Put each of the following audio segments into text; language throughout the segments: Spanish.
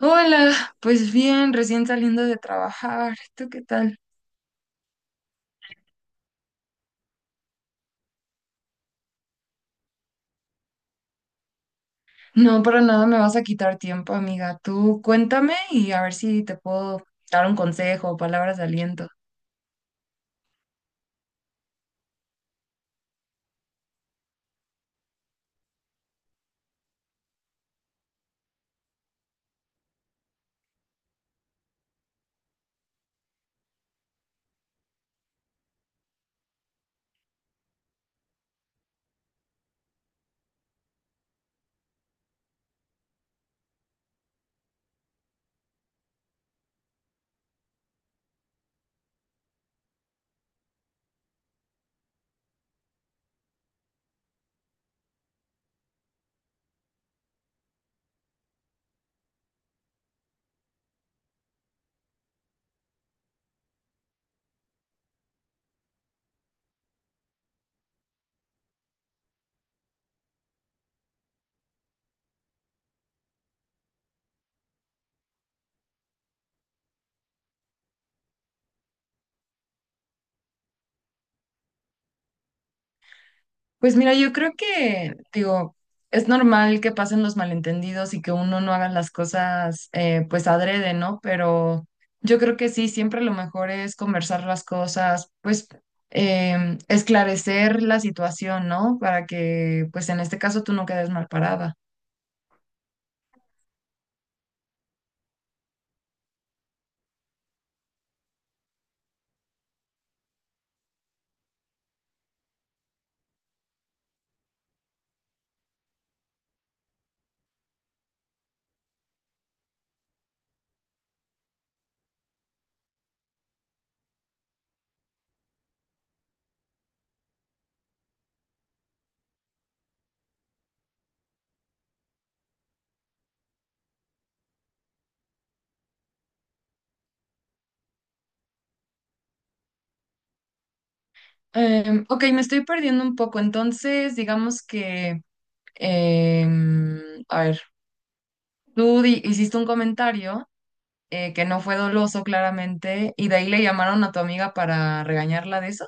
Hola, pues bien, recién saliendo de trabajar. ¿Tú qué tal? No, para nada me vas a quitar tiempo, amiga. Tú cuéntame y a ver si te puedo dar un consejo o palabras de aliento. Pues mira, yo creo que, digo, es normal que pasen los malentendidos y que uno no haga las cosas, pues adrede, ¿no? Pero yo creo que sí, siempre lo mejor es conversar las cosas, pues esclarecer la situación, ¿no? Para que, pues en este caso tú no quedes mal parada. Ok, me estoy perdiendo un poco. Entonces, digamos que, em, a ver, hiciste un comentario que no fue doloso, claramente, y de ahí le llamaron a tu amiga para regañarla de eso.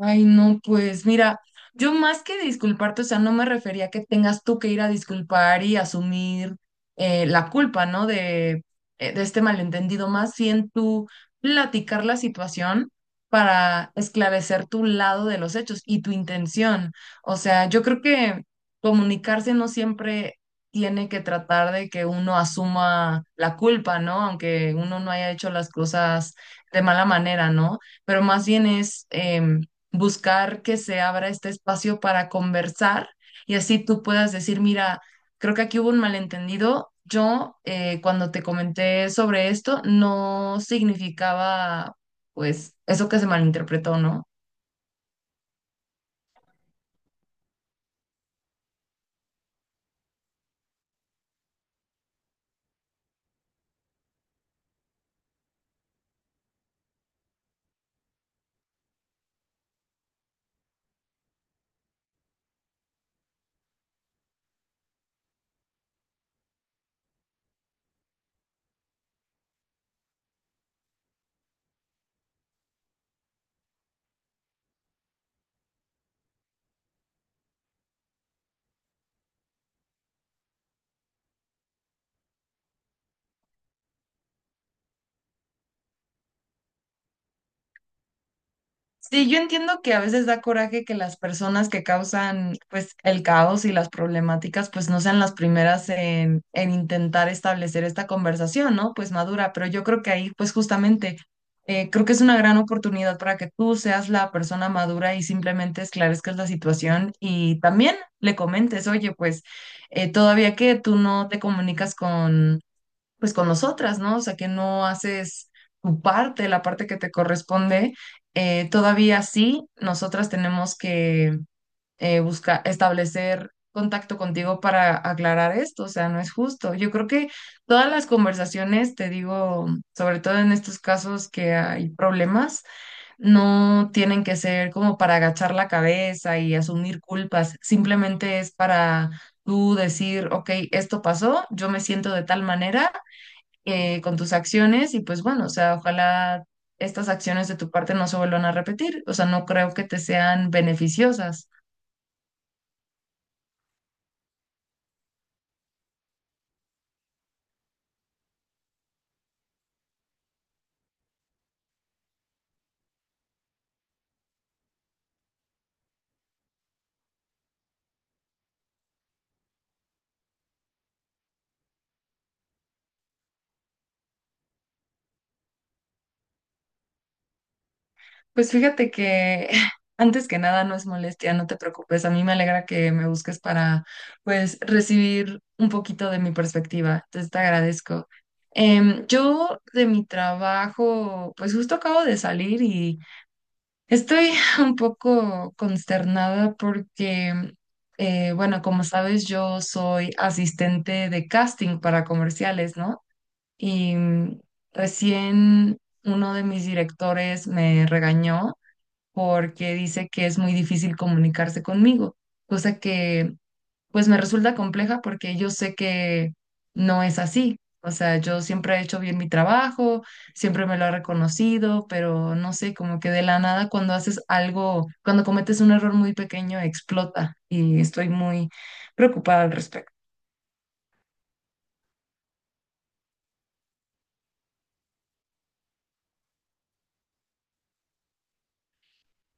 Ay, no, pues mira, yo más que disculparte, o sea, no me refería a que tengas tú que ir a disculpar y asumir la culpa, ¿no? De este malentendido, más bien tú platicar la situación para esclarecer tu lado de los hechos y tu intención. O sea, yo creo que comunicarse no siempre tiene que tratar de que uno asuma la culpa, ¿no? Aunque uno no haya hecho las cosas de mala manera, ¿no? Pero más bien es buscar que se abra este espacio para conversar y así tú puedas decir, mira, creo que aquí hubo un malentendido. Yo cuando te comenté sobre esto no significaba pues eso que se malinterpretó, ¿no? Sí, yo entiendo que a veces da coraje que las personas que causan pues el caos y las problemáticas pues no sean las primeras en intentar establecer esta conversación, ¿no? Pues madura, pero yo creo que ahí pues justamente creo que es una gran oportunidad para que tú seas la persona madura y simplemente esclarezcas la situación y también le comentes, oye, pues todavía que tú no te comunicas con pues con nosotras, ¿no? O sea, que no haces tu parte, la parte que te corresponde. Todavía sí, nosotras tenemos que buscar, establecer contacto contigo para aclarar esto, o sea, no es justo. Yo creo que todas las conversaciones, te digo, sobre todo en estos casos que hay problemas, no tienen que ser como para agachar la cabeza y asumir culpas, simplemente es para tú decir, ok, esto pasó, yo me siento de tal manera con tus acciones y pues bueno, o sea, ojalá estas acciones de tu parte no se vuelvan a repetir, o sea, no creo que te sean beneficiosas. Pues fíjate que antes que nada no es molestia, no te preocupes, a mí me alegra que me busques para pues recibir un poquito de mi perspectiva, entonces te agradezco. Yo de mi trabajo, pues justo acabo de salir y estoy un poco consternada porque, bueno, como sabes, yo soy asistente de casting para comerciales, ¿no? Y mm, recién uno de mis directores me regañó porque dice que es muy difícil comunicarse conmigo, cosa que pues me resulta compleja porque yo sé que no es así. O sea, yo siempre he hecho bien mi trabajo, siempre me lo ha reconocido, pero no sé, como que de la nada cuando haces algo, cuando cometes un error muy pequeño, explota y estoy muy preocupada al respecto.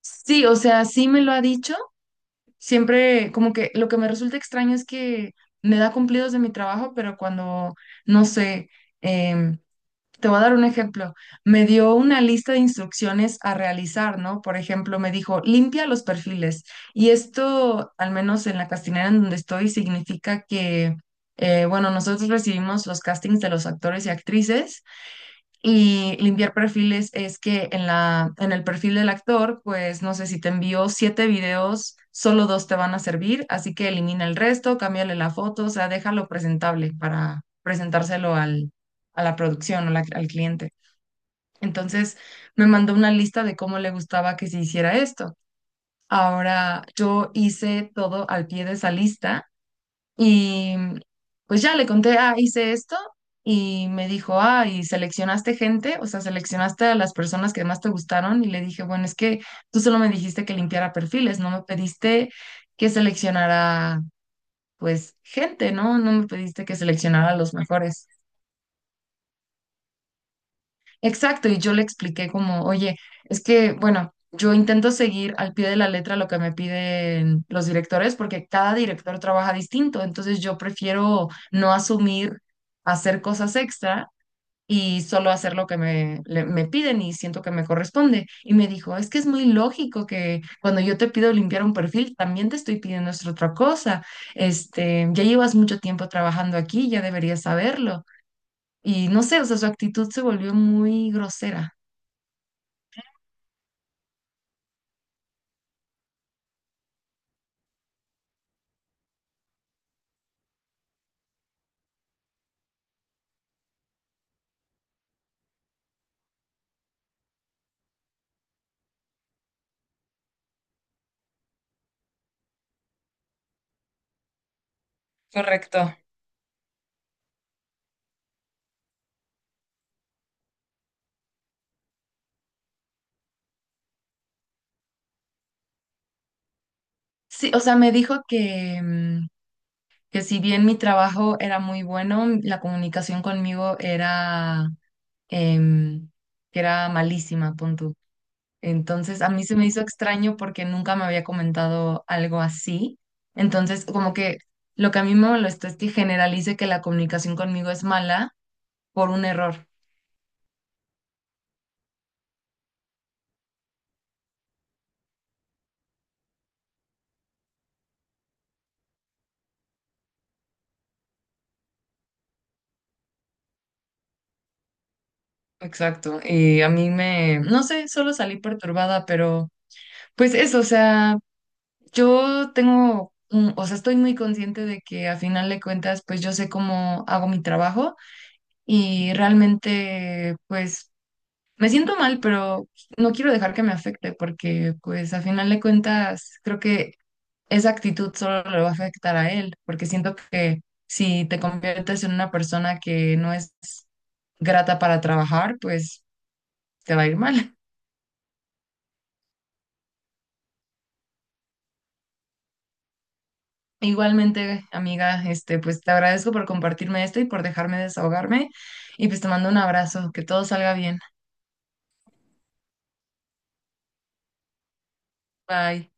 Sí, o sea, sí me lo ha dicho. Siempre, como que lo que me resulta extraño es que me da cumplidos de mi trabajo, pero cuando, no sé, em, te voy a dar un ejemplo. Me dio una lista de instrucciones a realizar, ¿no? Por ejemplo, me dijo, limpia los perfiles. Y esto, al menos en la castinera en donde estoy, significa que, bueno, nosotros recibimos los castings de los actores y actrices y limpiar perfiles es que en el perfil del actor, pues no sé si te envió siete videos, solo dos te van a servir, así que elimina el resto, cámbiale la foto, o sea, déjalo presentable para presentárselo a la producción al cliente. Entonces me mandó una lista de cómo le gustaba que se hiciera esto. Ahora yo hice todo al pie de esa lista y pues ya le conté, ah, hice esto y me dijo, ah, y seleccionaste gente, o sea, seleccionaste a las personas que más te gustaron y le dije, bueno, es que tú solo me dijiste que limpiara perfiles, no me pediste que seleccionara pues gente, ¿no? No me pediste que seleccionara a los mejores. Exacto, y yo le expliqué como, oye, es que, bueno, yo intento seguir al pie de la letra lo que me piden los directores porque cada director trabaja distinto, entonces yo prefiero no asumir hacer cosas extra y solo hacer lo que me piden y siento que me corresponde. Y me dijo, es que es muy lógico que cuando yo te pido limpiar un perfil, también te estoy pidiendo esta otra cosa. Este, ya llevas mucho tiempo trabajando aquí, ya deberías saberlo. Y no sé, o sea, su actitud se volvió muy grosera. Correcto. Sí, o sea, me dijo que, mm, que si bien mi trabajo era muy bueno, la comunicación conmigo era, em, que era malísima, pon tú. Entonces, a mí se me hizo extraño porque nunca me había comentado algo así. Entonces, como que lo que a mí me molestó es que generalice que la comunicación conmigo es mala por un error. Exacto. Y a mí me, no sé, solo salí perturbada, pero pues eso, o sea... O sea, estoy muy consciente de que a final de cuentas, pues yo sé cómo hago mi trabajo y realmente, pues me siento mal, pero no quiero dejar que me afecte porque, pues a final de cuentas, creo que esa actitud solo le va a afectar a él, porque siento que si te conviertes en una persona que no es grata para trabajar, pues te va a ir mal. Igualmente, amiga, este, pues te agradezco por compartirme esto y por dejarme desahogarme. Y pues te mando un abrazo, que todo salga bien. Bye.